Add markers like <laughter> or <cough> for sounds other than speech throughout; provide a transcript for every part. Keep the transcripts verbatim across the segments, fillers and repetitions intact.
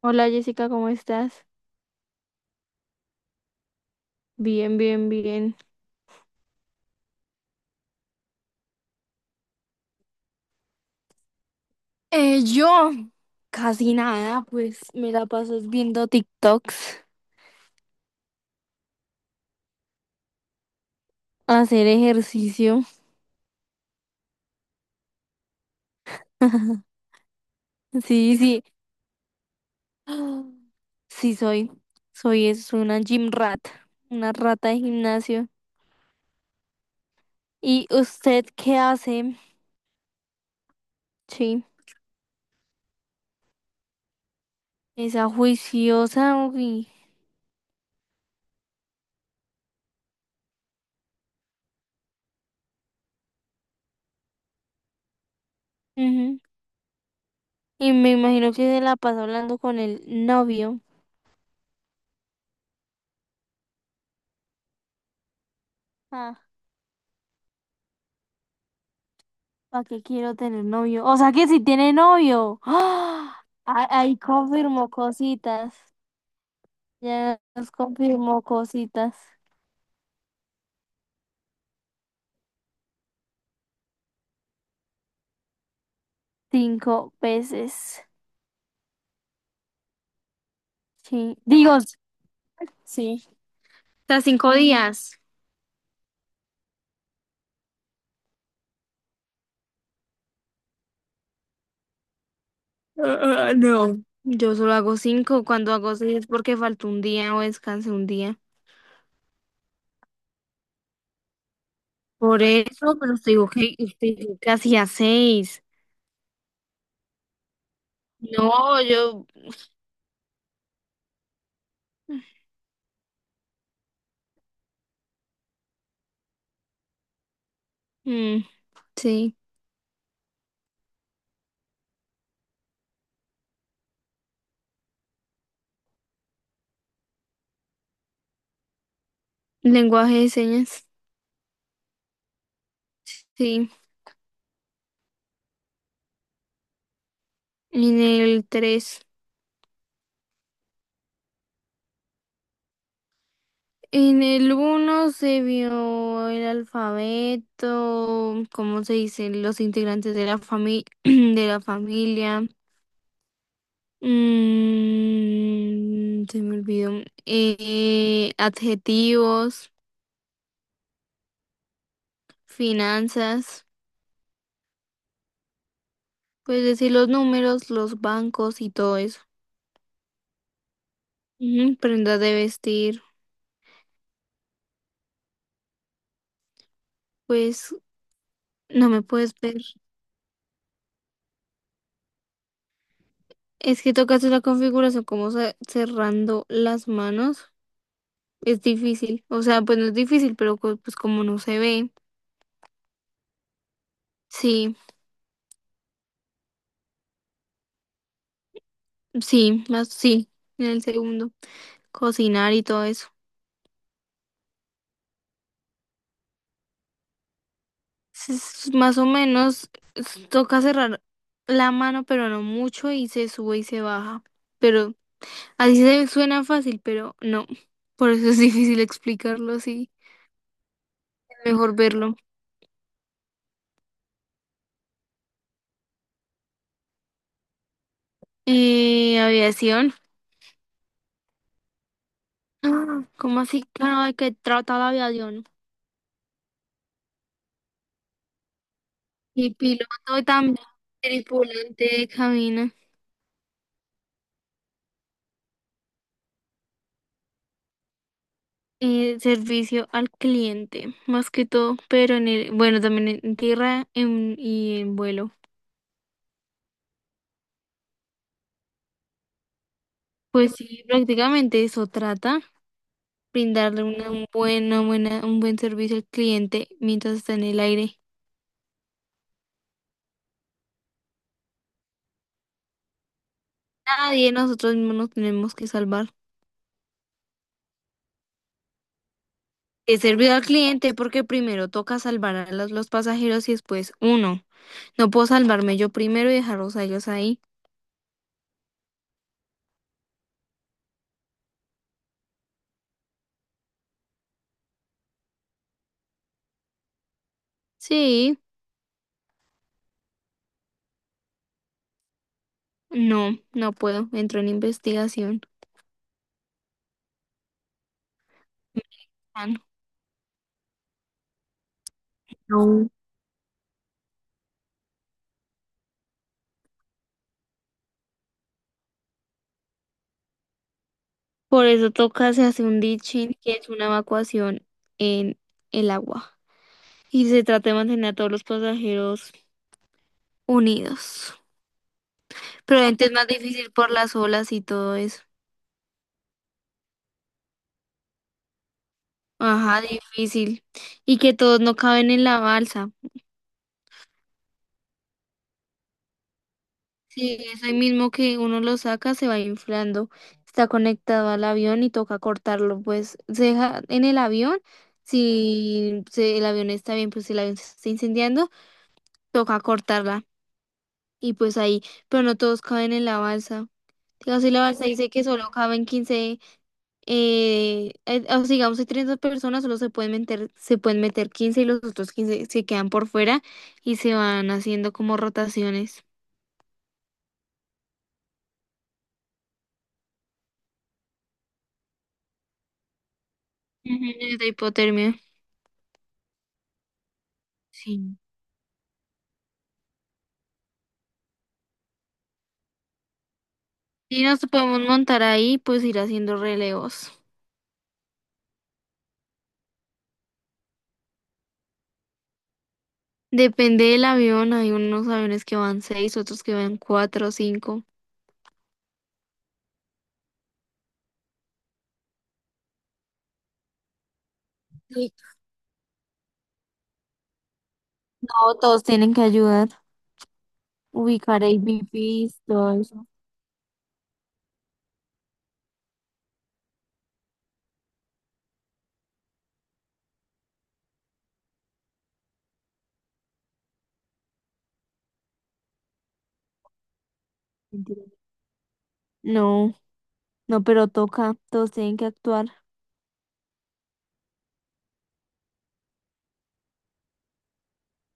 Hola Jessica, ¿cómo estás? Bien, bien, bien. Eh, yo casi nada, pues me la paso viendo TikToks, hacer ejercicio. <laughs> Sí, sí. Ah, Sí, soy. Soy es una gym rat, una rata de gimnasio. ¿Y usted qué hace? Sí, esa juiciosa. Uy. Ujú. Y me imagino que se la pasa hablando con el novio. Ah, ¿Para qué quiero tener novio? O sea que si tiene novio. ¡Ah! Ah, ahí confirmó cositas. Ya nos confirmó cositas. Cinco veces. Sí. Digo, <laughs> sí. O sea, cinco días. Ah, ah, no. Yo solo hago cinco. Cuando hago seis es porque faltó un día o descansé un día. Por eso, pero te digo que, te digo que hacía seis. No, yo. Mm, sí. Lenguaje de señas. Sí. En el tres. En el uno se vio el alfabeto, cómo se dicen los integrantes de la familia, <clears throat> de la familia. Mm, se me olvidó. Eh, adjetivos, finanzas, pues decir los números, los bancos y todo eso. Ujú, prendas de vestir, pues no me puedes ver. Es que tocas la configuración como ce- cerrando las manos. Es difícil, o sea, pues no es difícil, pero co- pues como no se ve, sí, sí, más sí, en el segundo, cocinar y todo eso. Es- es más o menos es- toca cerrar la mano, pero no mucho, y se sube y se baja. Pero así se suena fácil, pero no, por eso es <laughs> difícil explicarlo así, es mejor verlo. Eh, aviación, ah, ¿cómo así? Claro, ¿de qué trata la aviación? Y piloto y también tripulante de cabina. Eh, servicio al cliente, más que todo, pero en el, bueno, también en tierra en- y en vuelo. Pues sí, prácticamente eso trata, brindarle una un buena, buena, un buen servicio al cliente mientras está en el aire. Nadie de nosotros mismos nos tenemos que salvar. Es servicio al cliente porque primero toca salvar a los, los pasajeros y después uno. No puedo salvarme yo primero y dejarlos a ellos ahí. Sí, no, no puedo. Entro en investigación. Ah, no. Por eso toca, se hace un ditching, que es una evacuación en el agua. Y se trata de mantener a todos los pasajeros unidos. Pero obviamente es más difícil por las olas y todo eso. Ajá, difícil. Y que todos no caben en la balsa. Sí, es ahí mismo que uno lo saca, se va inflando. Está conectado al avión y toca cortarlo. Pues se deja en el avión. Si, si el avión está bien, pues si el avión se está incendiando, toca cortarla. Y pues ahí, pero no todos caben en la balsa. Digamos, si la balsa dice que solo caben quince, eh, eh, o sea, digamos, hay treinta personas, solo se pueden meter, se pueden meter quince y los otros quince se quedan por fuera y se van haciendo como rotaciones. Ujú, de hipotermia. Sí. Y nos podemos montar ahí, pues ir haciendo relevos. Depende del avión, hay unos aviones que van seis, otros que van cuatro o cinco. Sí. No, todos tienen que ayudar, ubicar A V Ps, todo eso. No, no, pero toca, todos tienen que actuar.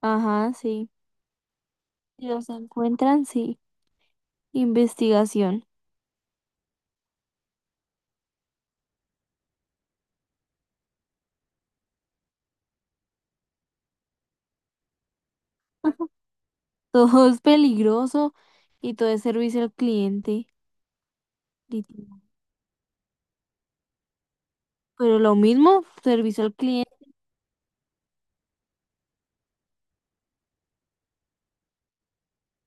Ajá, sí. Si los encuentran, sí. Investigación. <laughs> Todo es peligroso y todo es servicio al cliente, literal. Pero lo mismo, servicio al cliente,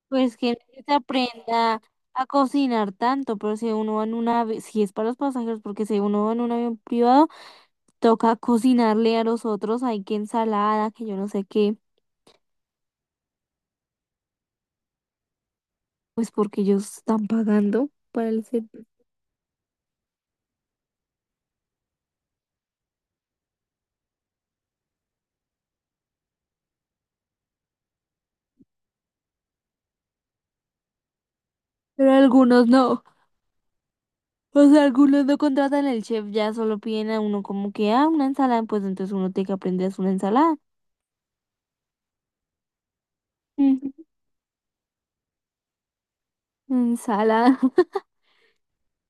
pues que no se aprenda a cocinar tanto, pero si uno va en un avión, si es para los pasajeros, porque si uno va en un avión privado, toca cocinarle a los otros, hay que ensalada, que yo no sé qué, pues porque ellos están pagando para el servicio. Pero algunos no. O sea, algunos no contratan al chef, ya solo piden a uno como que, ah, una ensalada, pues entonces uno tiene que aprender a hacer una ensalada. Ujú. Ensalada, <laughs>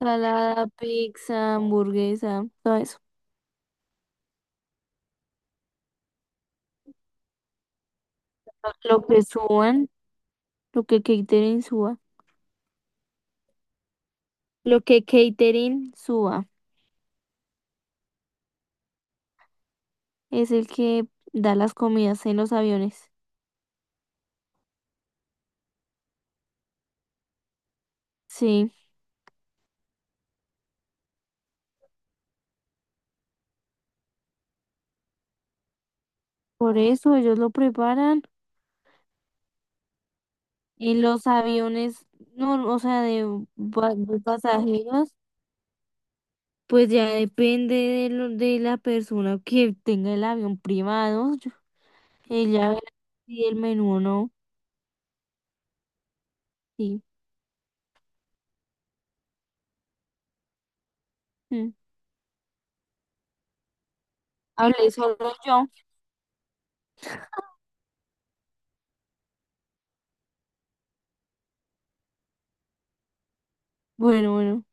ensalada, pizza, hamburguesa, todo eso. Lo que suban, lo que catering suba. Lo que catering suba es el que da las comidas en los aviones. Sí, por eso ellos lo preparan en los aviones, no, o sea, de, va- de pasajeros. Pues ya depende de lo, de la persona que tenga el avión privado. yo- Ella verá si el menú o no. Sí. Mm. Hablé solo yo. Bueno, bueno.